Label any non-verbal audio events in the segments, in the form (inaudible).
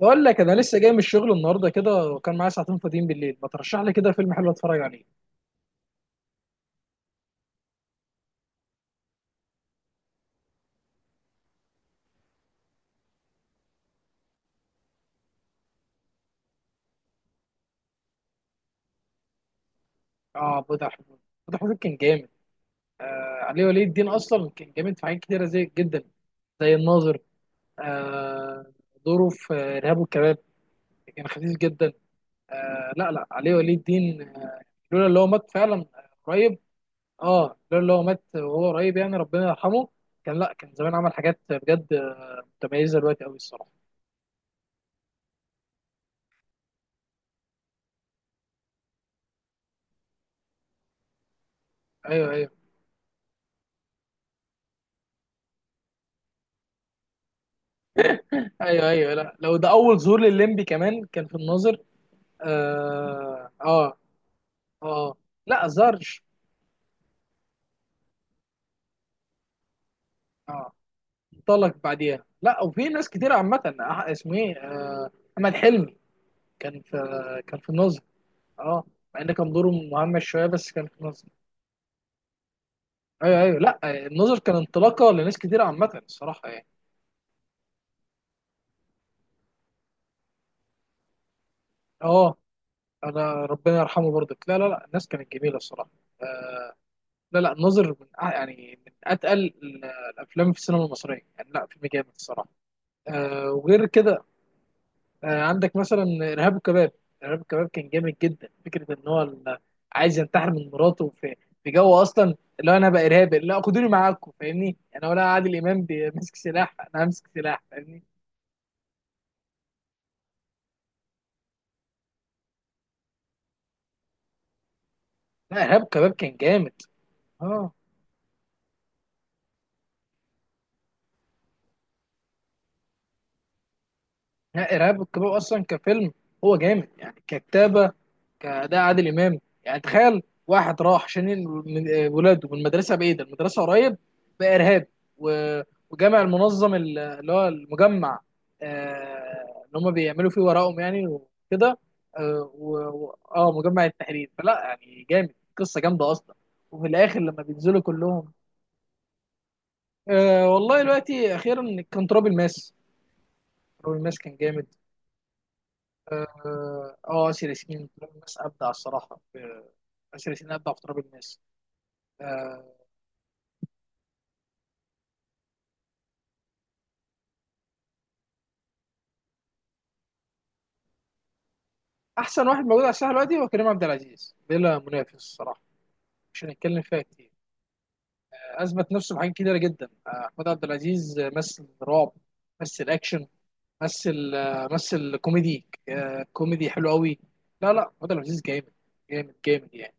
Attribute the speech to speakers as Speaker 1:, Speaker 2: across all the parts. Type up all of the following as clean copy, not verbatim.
Speaker 1: بقول لك انا لسه جاي من الشغل النهارده كده، وكان معايا ساعتين فاضيين بالليل. ما ترشح لي كده فيلم حلو اتفرج عليه. اه، بضع حدود كان جامد. علي ولي الدين اصلا كان جامد في حاجات كتيره، زي جدا زي الناظر. آه دوره في ارهاب والكباب كان خفيف جدا. لا لا، علي ولي الدين لولا اللي هو مات فعلا قريب. اه، لولا اللي هو مات وهو قريب، يعني ربنا يرحمه. كان لا كان زمان عمل حاجات بجد متميزه، دلوقتي قوي الصراحه. ايوه، ايوه. ايوه، ايوه، لا، لو ده اول ظهور للليمبي كمان كان في الناظر. اه، اه، آه. لا ظهرش. اه، انطلق بعديها. لا، وفي ناس كتير عامة، اسمه ايه، احمد حلمي. كان في كان في الناظر. اه، مع ان كان دوره مهمش شوية، بس كان في الناظر. ايوه ايوه، لا الناظر كان انطلاقة لناس كتير عامة الصراحة يعني. اه، انا ربنا يرحمه برضك. لا لا لا، الناس كانت جميلة الصراحة. لا لا، الناظر من يعني من اتقل الافلام في السينما المصرية يعني. لا، فيلم جامد الصراحة. وغير كده. عندك مثلا ارهاب الكباب. ارهاب الكباب كان جامد جدا، فكره ان هو عايز ينتحر من مراته. في جو اصلا اللي هو انا بقى ارهابي، لا خدوني معاكم فاهمني؟ انا ولا عادل امام، ماسك سلاح، انا همسك سلاح فاهمني. لا، ارهاب الكباب كان جامد. اه، لا ارهاب والكباب اصلا كفيلم هو جامد، يعني ككتابه، كاداء عادل امام. يعني تخيل، واحد راح عشان من ولاده من المدرسه، بعيده المدرسه، قريب بقى ارهابي. و- وجامع المنظم اللي هو المجمع، اللي هم بيعملوا فيه ورقهم يعني وكده. اه، مجمع التحرير، فلا يعني جامد، قصه جامده اصلا. وفي الاخر لما بينزلوا كلهم. والله دلوقتي، اخيرا كان تراب الماس. تراب الماس كان جامد. آسر ياسين تراب الناس ابدع الصراحه في، آسر ياسين ابدع في تراب الناس. آه، احسن واحد موجود على الساحه دلوقتي هو كريم عبد العزيز، بلا منافس الصراحه. مش هنتكلم فيها كتير. اثبت نفسه في حاجات كتيره جدا، احمد عبد العزيز، مثل رعب، مثل اكشن، مثل كوميدي، كوميدي حلو قوي. لا لا، احمد عبد العزيز جامد، جامد جامد يعني.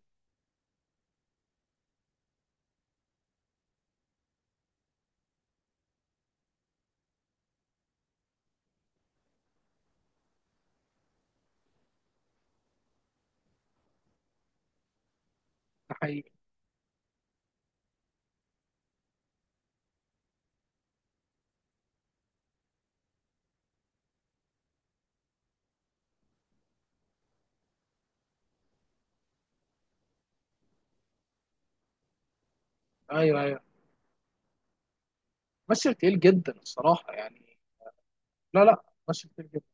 Speaker 1: ده حقيقي. ايوه ايوه، مثل تقيل جدا الصراحه يعني. لا لا، مثل تقيل جدا.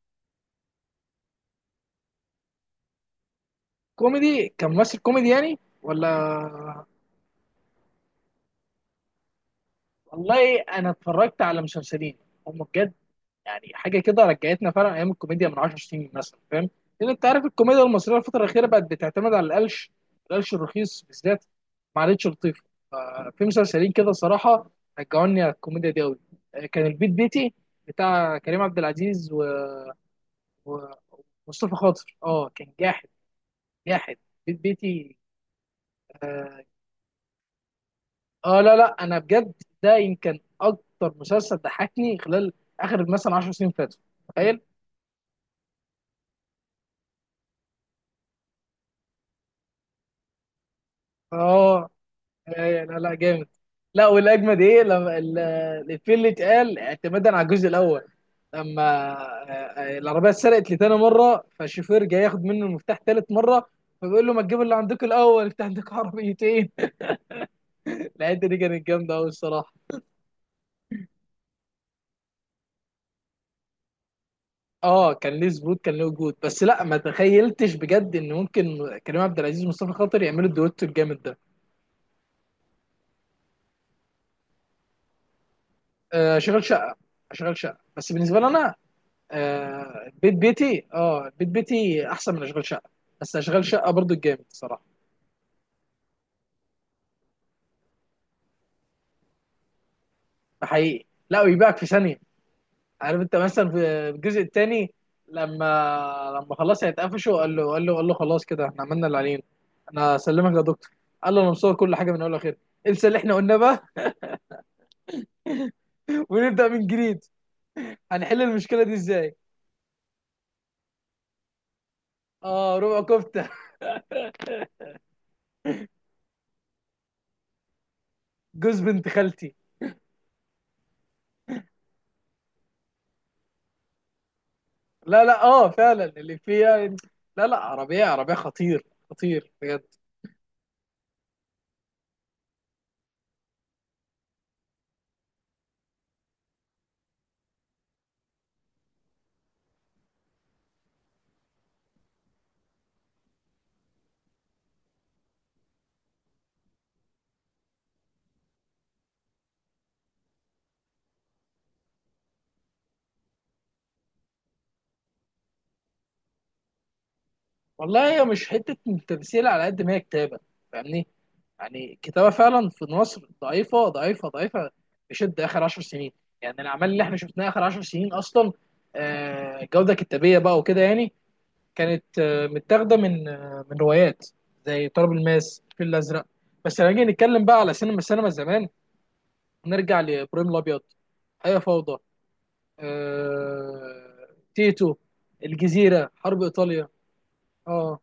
Speaker 1: كوميدي، كممثل كوميدي يعني، ولا. والله انا اتفرجت على مسلسلين، هم بجد يعني حاجه كده رجعتنا فعلا ايام الكوميديا من 10 سنين مثلا، فاهم؟ لان انت عارف الكوميديا المصريه الفتره الاخيره بقت بتعتمد على القلش، القلش الرخيص بالذات، ما عادتش لطيفه. ففي مسلسلين كده صراحه رجعوني على الكوميديا دي قوي. كان البيت بيتي، بتاع كريم عبد العزيز ومصطفى خاطر. اه، كان جاحد، جاحد. بيت بيتي، آه، اه، لا لا انا بجد ده يمكن اكتر مسلسل ضحكني خلال اخر مثلا 10 سنين فاتوا، تخيل. اه لا لا، جامد. لا، والاجمد ايه، لما الفيل اللي اتقال اعتمادا على الجزء الاول، لما العربيه اتسرقت لتاني مره، فالشوفير جاي ياخد منه المفتاح تالت مره، فبيقول له ما تجيب اللي عندك الاول، انت عندك عربيتين. (laughs) الحته دي كانت جامده قوي الصراحه. اه، كان ليه ثبوت، كان ليه وجود، بس لا، ما تخيلتش بجد ان ممكن كريم عبد العزيز ومصطفى خاطر يعملوا الدويتو الجامد ده. شغال شقه، شغال شقه بس، بالنسبه لي انا بيت بيتي. اه، بيت بيتي احسن من اشغال شقه، بس اشغال شقه برضو الجامد الصراحه. ده حقيقي. لا، ويبيعك في ثانيه. عارف انت مثلا في الجزء الثاني، لما خلاص هيتقفشوا، قال له خلاص كده احنا عملنا اللي علينا، انا اسلمك يا دكتور. قال له انا مصور كل حاجه من اول لاخر، انسى اللي احنا قلناه بقى، (laughs) ونبدا من جديد. هنحل المشكله دي ازاي؟ اه، ربع كفته، جوز بنت خالتي. لا لا، اه فعلا اللي فيها. لا لا، عربيه، عربيه خطير، خطير بجد. والله هي مش حته تمثيل، على قد ما هي كتابه، فاهمني؟ يعني الكتابه فعلا في مصر ضعيفه، ضعيفه ضعيفه، بشده اخر 10 سنين. يعني الاعمال اللي احنا شفناها اخر 10 سنين اصلا، جوده كتابيه بقى وكده يعني، كانت متاخده من من روايات، زي تراب الماس، الفيل الازرق. بس لما نيجي نتكلم بقى على سينما، السينما زمان، نرجع لابراهيم الابيض، هي فوضى، آه... تيتو، الجزيره، حرب ايطاليا. اه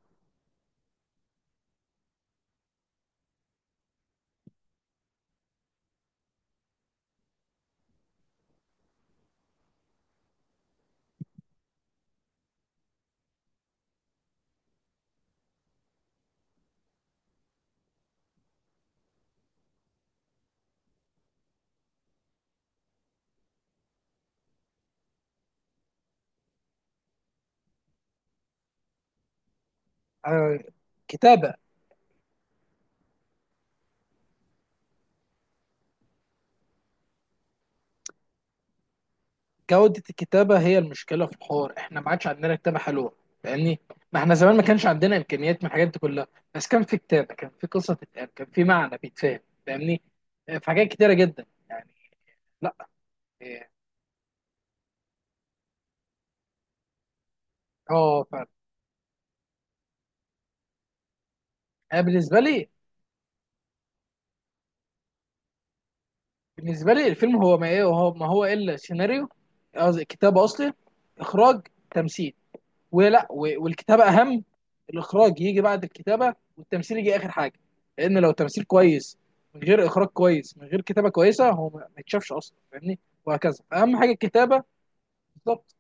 Speaker 1: آه، كتابه، جوده الكتابه هي المشكله في الحوار. احنا ما عادش عندنا كتابه حلوه فاهمني. ما احنا زمان ما كانش عندنا امكانيات من الحاجات دي كلها، بس كان في كتابه، كان في قصه تتقال، كان في معنى بيتفهم فاهمني. في حاجات كتيره جدا يعني. لا. فعلا. أنا بالنسبه لي بالنسبه لي الفيلم هو ما ايه، وهو ما هو الا سيناريو، قصدي كتابه اصلي، اخراج، تمثيل. والكتابه اهم. الاخراج يجي بعد الكتابه، والتمثيل يجي اخر حاجه، لان لو تمثيل كويس من غير اخراج كويس، من غير كتابه كويسه، هو ما يتشافش اصلا فاهمني. وهكذا، اهم حاجه الكتابه. بالظبط.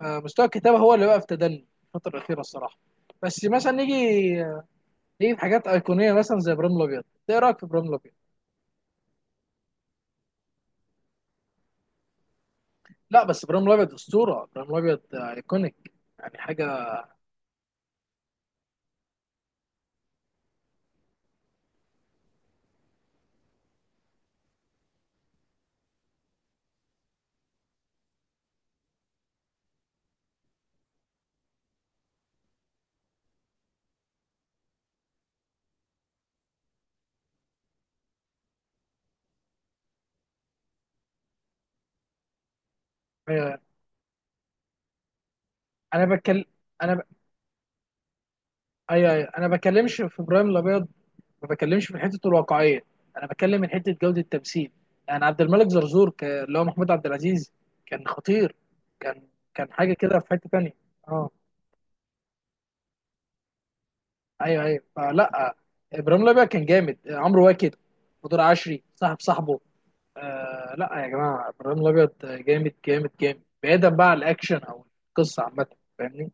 Speaker 1: مستوى الكتابه هو اللي بقى في تدني الفتره الاخيره الصراحه. بس مثلا نيجي في حاجات ايقونيه، مثلا زي ابراهيم الابيض. إنت ايه رايك في ابراهيم الابيض؟ لا بس، ابراهيم الابيض اسطوره، ابراهيم الابيض ايكونيك، يعني حاجه. ايوه، انا بتكلم، انا ب... ايوه ايوه، انا بكلمش في ابراهيم الابيض، ما بكلمش من حته الواقعيه، انا بكلم من حته جوده التمثيل. يعني عبد الملك زرزور، اللي هو محمود عبد العزيز، كان خطير، كان كان حاجه كده في حته تانيه. اه. ايوه ايوه، فلا، ابراهيم الابيض كان جامد، عمرو واكد ودور عشري صاحب صاحبه. آه، لا يا جماعه، ابراهيم الابيض جامد، جامد جامد، بعيدا بقى عن الاكشن او القصه عامه، فاهمني؟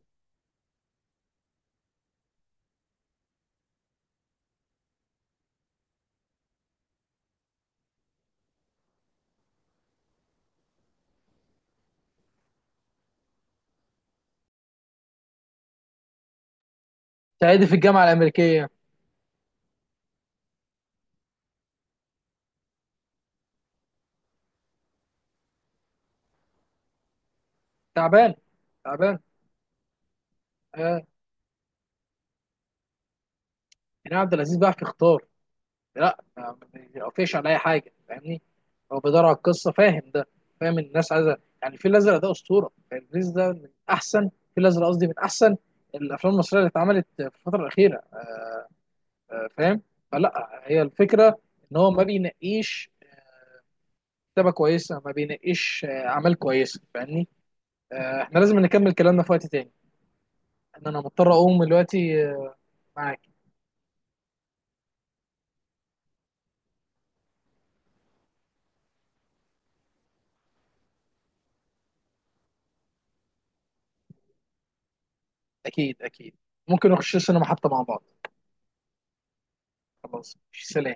Speaker 1: صعيدي في الجامعه الامريكيه. تعبان، تعبان. آه. كريم عبد العزيز بقى في اختار، لا ما بيقفش على اي حاجه فاهمني. هو بيدور على القصه، فاهم ده؟ فاهم إن الناس عايزه، يعني الفيل الازرق ده اسطوره، الفيل ده من احسن، الفيل الازرق قصدي، من احسن الافلام المصريه اللي اتعملت في الفتره الاخيره، فاهم؟ فلا، هي الفكره ان هو ما بينقيش كتابه كويسه، ما بينقيش اعمال كويسه، فاهمني؟ احنا لازم نكمل كلامنا في وقت تاني، ان انا مضطر اقوم دلوقتي، معاك. اكيد اكيد، ممكن نخش السينما حتى مع بعض. خلاص، سلام.